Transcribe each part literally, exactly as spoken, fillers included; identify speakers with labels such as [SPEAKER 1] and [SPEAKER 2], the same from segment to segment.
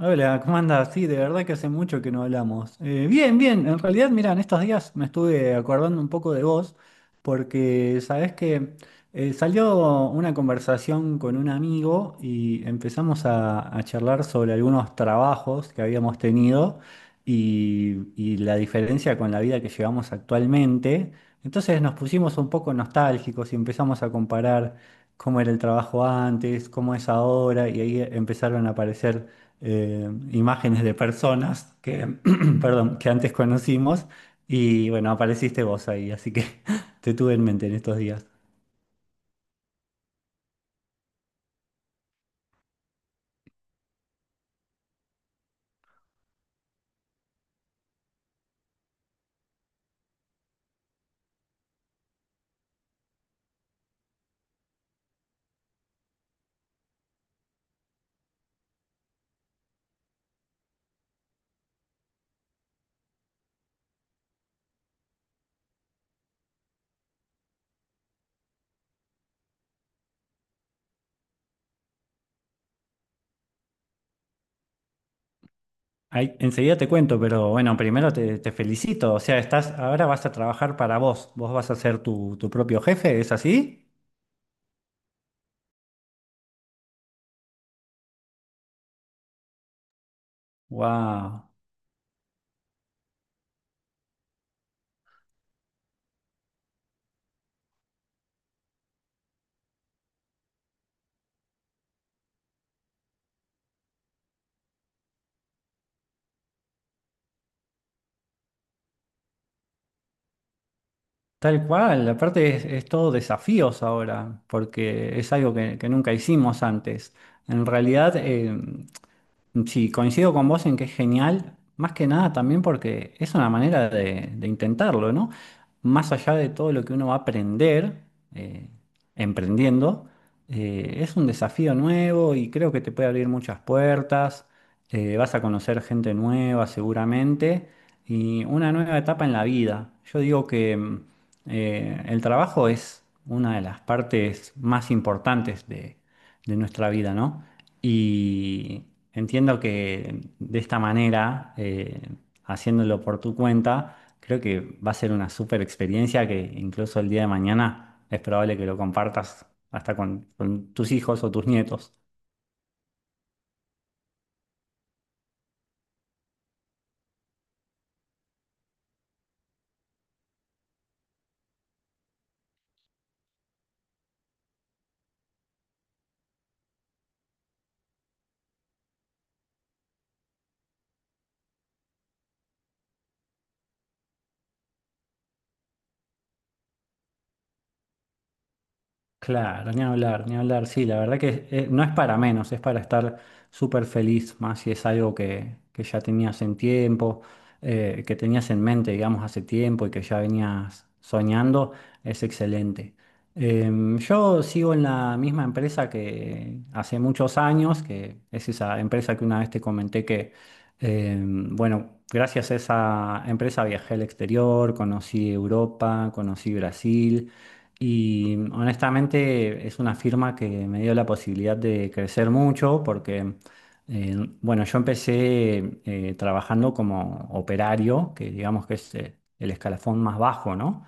[SPEAKER 1] Hola, ¿cómo andas? Sí, de verdad que hace mucho que no hablamos. Eh, bien, bien, en realidad, mira, en estos días me estuve acordando un poco de vos, porque sabés que eh, salió una conversación con un amigo y empezamos a, a charlar sobre algunos trabajos que habíamos tenido y, y la diferencia con la vida que llevamos actualmente. Entonces nos pusimos un poco nostálgicos y empezamos a comparar cómo era el trabajo antes, cómo es ahora, y ahí empezaron a aparecer eh, imágenes de personas que, perdón, que antes conocimos y bueno, apareciste vos ahí, así que te tuve en mente en estos días. Ahí, enseguida te cuento, pero bueno, primero te, te felicito, o sea, estás, ahora vas a trabajar para vos, vos vas a ser tu, tu propio jefe, ¿es así? ¡Wow! Tal cual, aparte es, es todo desafíos ahora, porque es algo que, que nunca hicimos antes. En realidad, eh, sí, coincido con vos en que es genial, más que nada también porque es una manera de, de intentarlo, ¿no? Más allá de todo lo que uno va a aprender eh, emprendiendo, eh, es un desafío nuevo y creo que te puede abrir muchas puertas, eh, vas a conocer gente nueva seguramente y una nueva etapa en la vida. Yo digo que mm, eh, el trabajo es una de las partes más importantes de de nuestra vida, ¿no? Y entiendo que de esta manera, eh, haciéndolo por tu cuenta, creo que va a ser una súper experiencia que incluso el día de mañana es probable que lo compartas hasta con, con tus hijos o tus nietos. Claro, ni hablar, ni hablar. Sí, la verdad que eh, no es para menos, es para estar súper feliz, más si es algo que, que ya tenías en tiempo, eh, que tenías en mente, digamos, hace tiempo y que ya venías soñando, es excelente. Em, yo sigo en la misma empresa que hace muchos años, que es esa empresa que una vez te comenté que, em, bueno, gracias a esa empresa viajé al exterior, conocí Europa, conocí Brasil. Y honestamente es una firma que me dio la posibilidad de crecer mucho porque, eh, bueno, yo empecé eh, trabajando como operario, que digamos que es eh, el escalafón más bajo, ¿no?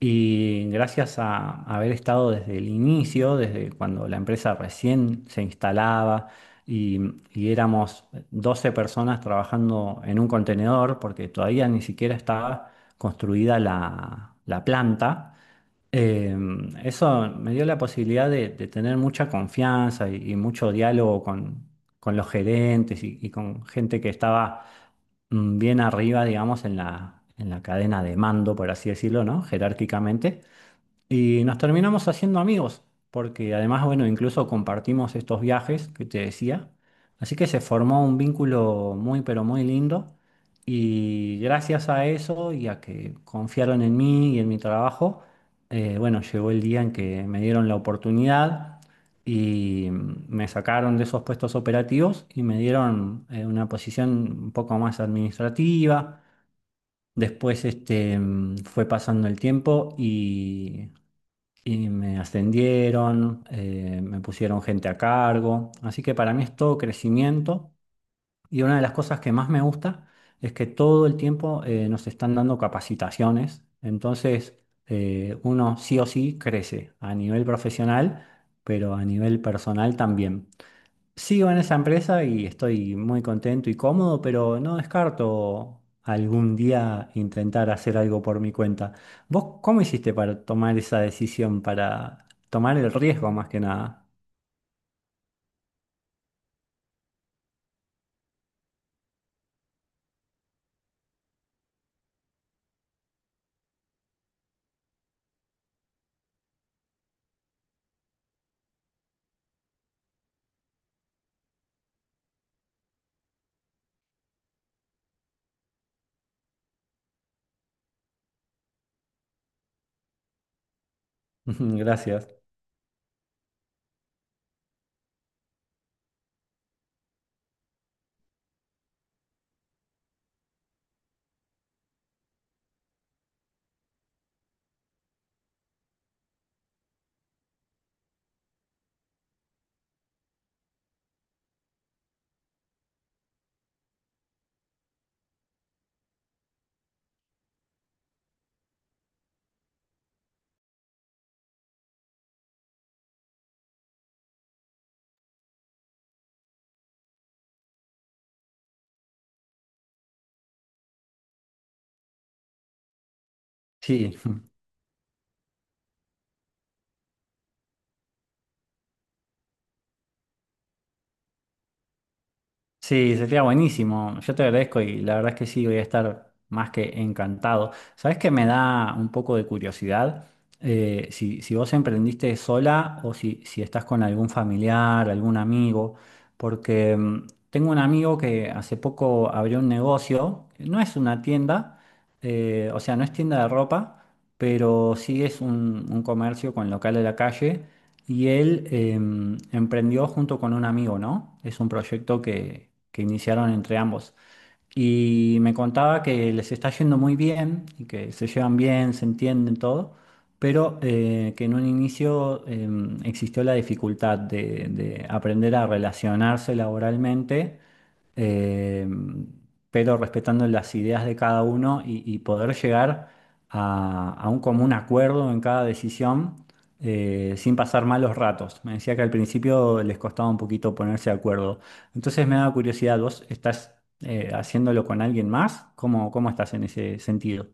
[SPEAKER 1] Y gracias a haber estado desde el inicio, desde cuando la empresa recién se instalaba y, y éramos doce personas trabajando en un contenedor, porque todavía ni siquiera estaba construida la la planta. Eh, Eso me dio la posibilidad de, de tener mucha confianza y, y mucho diálogo con, con los gerentes y, y con gente que estaba mm, bien arriba, digamos, en la, en la cadena de mando, por así decirlo, ¿no? Jerárquicamente. Y nos terminamos haciendo amigos, porque además, bueno, incluso compartimos estos viajes que te decía. Así que se formó un vínculo muy, pero muy lindo. Y gracias a eso y a que confiaron en mí y en mi trabajo, eh, bueno, llegó el día en que me dieron la oportunidad y mm, me sacaron de esos puestos operativos y me dieron eh, una posición un poco más administrativa. Después este, mm, fue pasando el tiempo y y me ascendieron, eh, me pusieron gente a cargo, así que para mí es todo crecimiento y una de las cosas que más me gusta es que todo el tiempo eh, nos están dando capacitaciones, entonces eh, uno sí o sí crece a nivel profesional, pero a nivel personal también. Sigo en esa empresa y estoy muy contento y cómodo, pero no descarto algún día intentar hacer algo por mi cuenta. ¿Vos cómo hiciste para tomar esa decisión, para tomar el riesgo más que nada? Gracias. Sí. Sí, sería buenísimo. Yo te agradezco y la verdad es que sí, voy a estar más que encantado. ¿Sabes que me da un poco de curiosidad? Eh, si, si vos emprendiste sola o si, si estás con algún familiar, algún amigo, porque mm, tengo un amigo que hace poco abrió un negocio, no es una tienda, eh, o sea, no es tienda de ropa, pero sí es un, un comercio con local de la calle y él eh, emprendió junto con un amigo, ¿no? Es un proyecto que, que iniciaron entre ambos. Y me contaba que les está yendo muy bien y que se llevan bien, se entienden todo, pero eh, que en un inicio eh, existió la dificultad de, de aprender a relacionarse laboralmente eh, pero respetando las ideas de cada uno y, y poder llegar a, a un común acuerdo en cada decisión eh, sin pasar malos ratos. Me decía que al principio les costaba un poquito ponerse de acuerdo. Entonces me da curiosidad, ¿vos estás eh, haciéndolo con alguien más? ¿Cómo, cómo estás en ese sentido?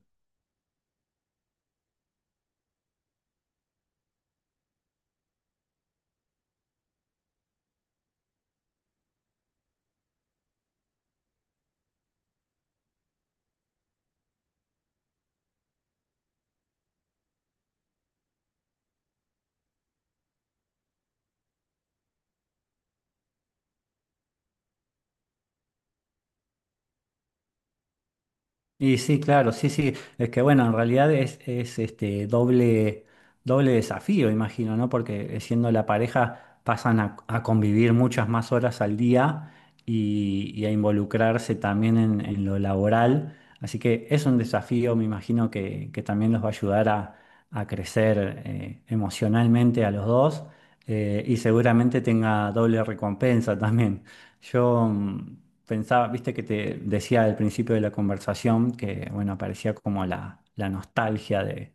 [SPEAKER 1] Y sí, claro, sí, sí. Es que bueno, en realidad es, es este doble, doble desafío, imagino, ¿no? Porque eh, siendo la pareja pasan a, a convivir muchas más horas al día y, y a involucrarse también en, en lo laboral. Así que es un desafío, me imagino, que, que también los va a ayudar a, a crecer eh, emocionalmente a los dos eh, y seguramente tenga doble recompensa también. Yo mm, pensaba, viste que te decía al principio de la conversación que, bueno, aparecía como la, la nostalgia de,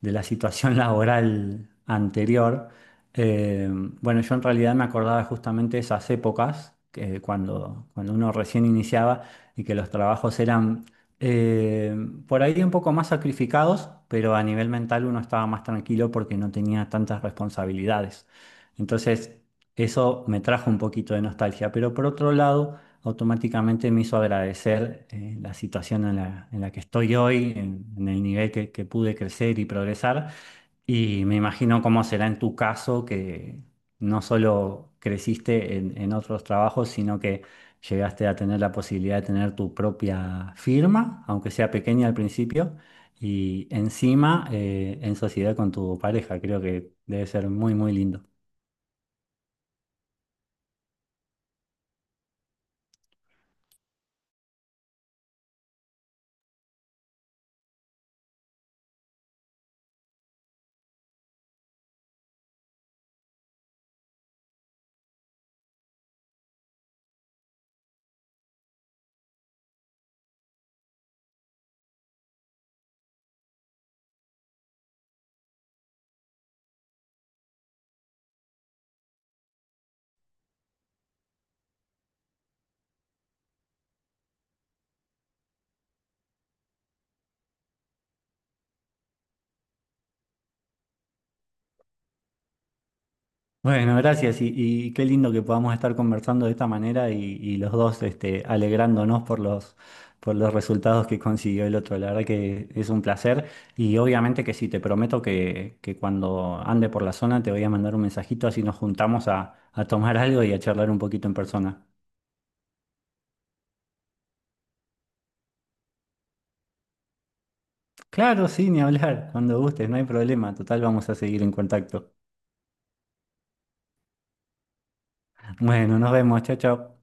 [SPEAKER 1] de la situación laboral anterior, eh, bueno, yo en realidad me acordaba justamente esas épocas, que cuando, cuando uno recién iniciaba y que los trabajos eran eh, por ahí un poco más sacrificados, pero a nivel mental uno estaba más tranquilo porque no tenía tantas responsabilidades. Entonces, eso me trajo un poquito de nostalgia, pero por otro lado automáticamente me hizo agradecer eh, la situación en la, en la que estoy hoy, en, en el nivel que, que pude crecer y progresar. Y me imagino cómo será en tu caso, que no solo creciste en, en otros trabajos, sino que llegaste a tener la posibilidad de tener tu propia firma, aunque sea pequeña al principio, y encima eh, en sociedad con tu pareja. Creo que debe ser muy, muy lindo. Bueno, gracias y, y qué lindo que podamos estar conversando de esta manera y, y los dos este, alegrándonos por los, por los resultados que consiguió el otro. La verdad que es un placer y obviamente que sí, te prometo que, que cuando ande por la zona te voy a mandar un mensajito así nos juntamos a, a tomar algo y a charlar un poquito en persona. Claro, sí, ni hablar, cuando gustes, no hay problema, total vamos a seguir en contacto. Bueno, nos vemos, chao, chao.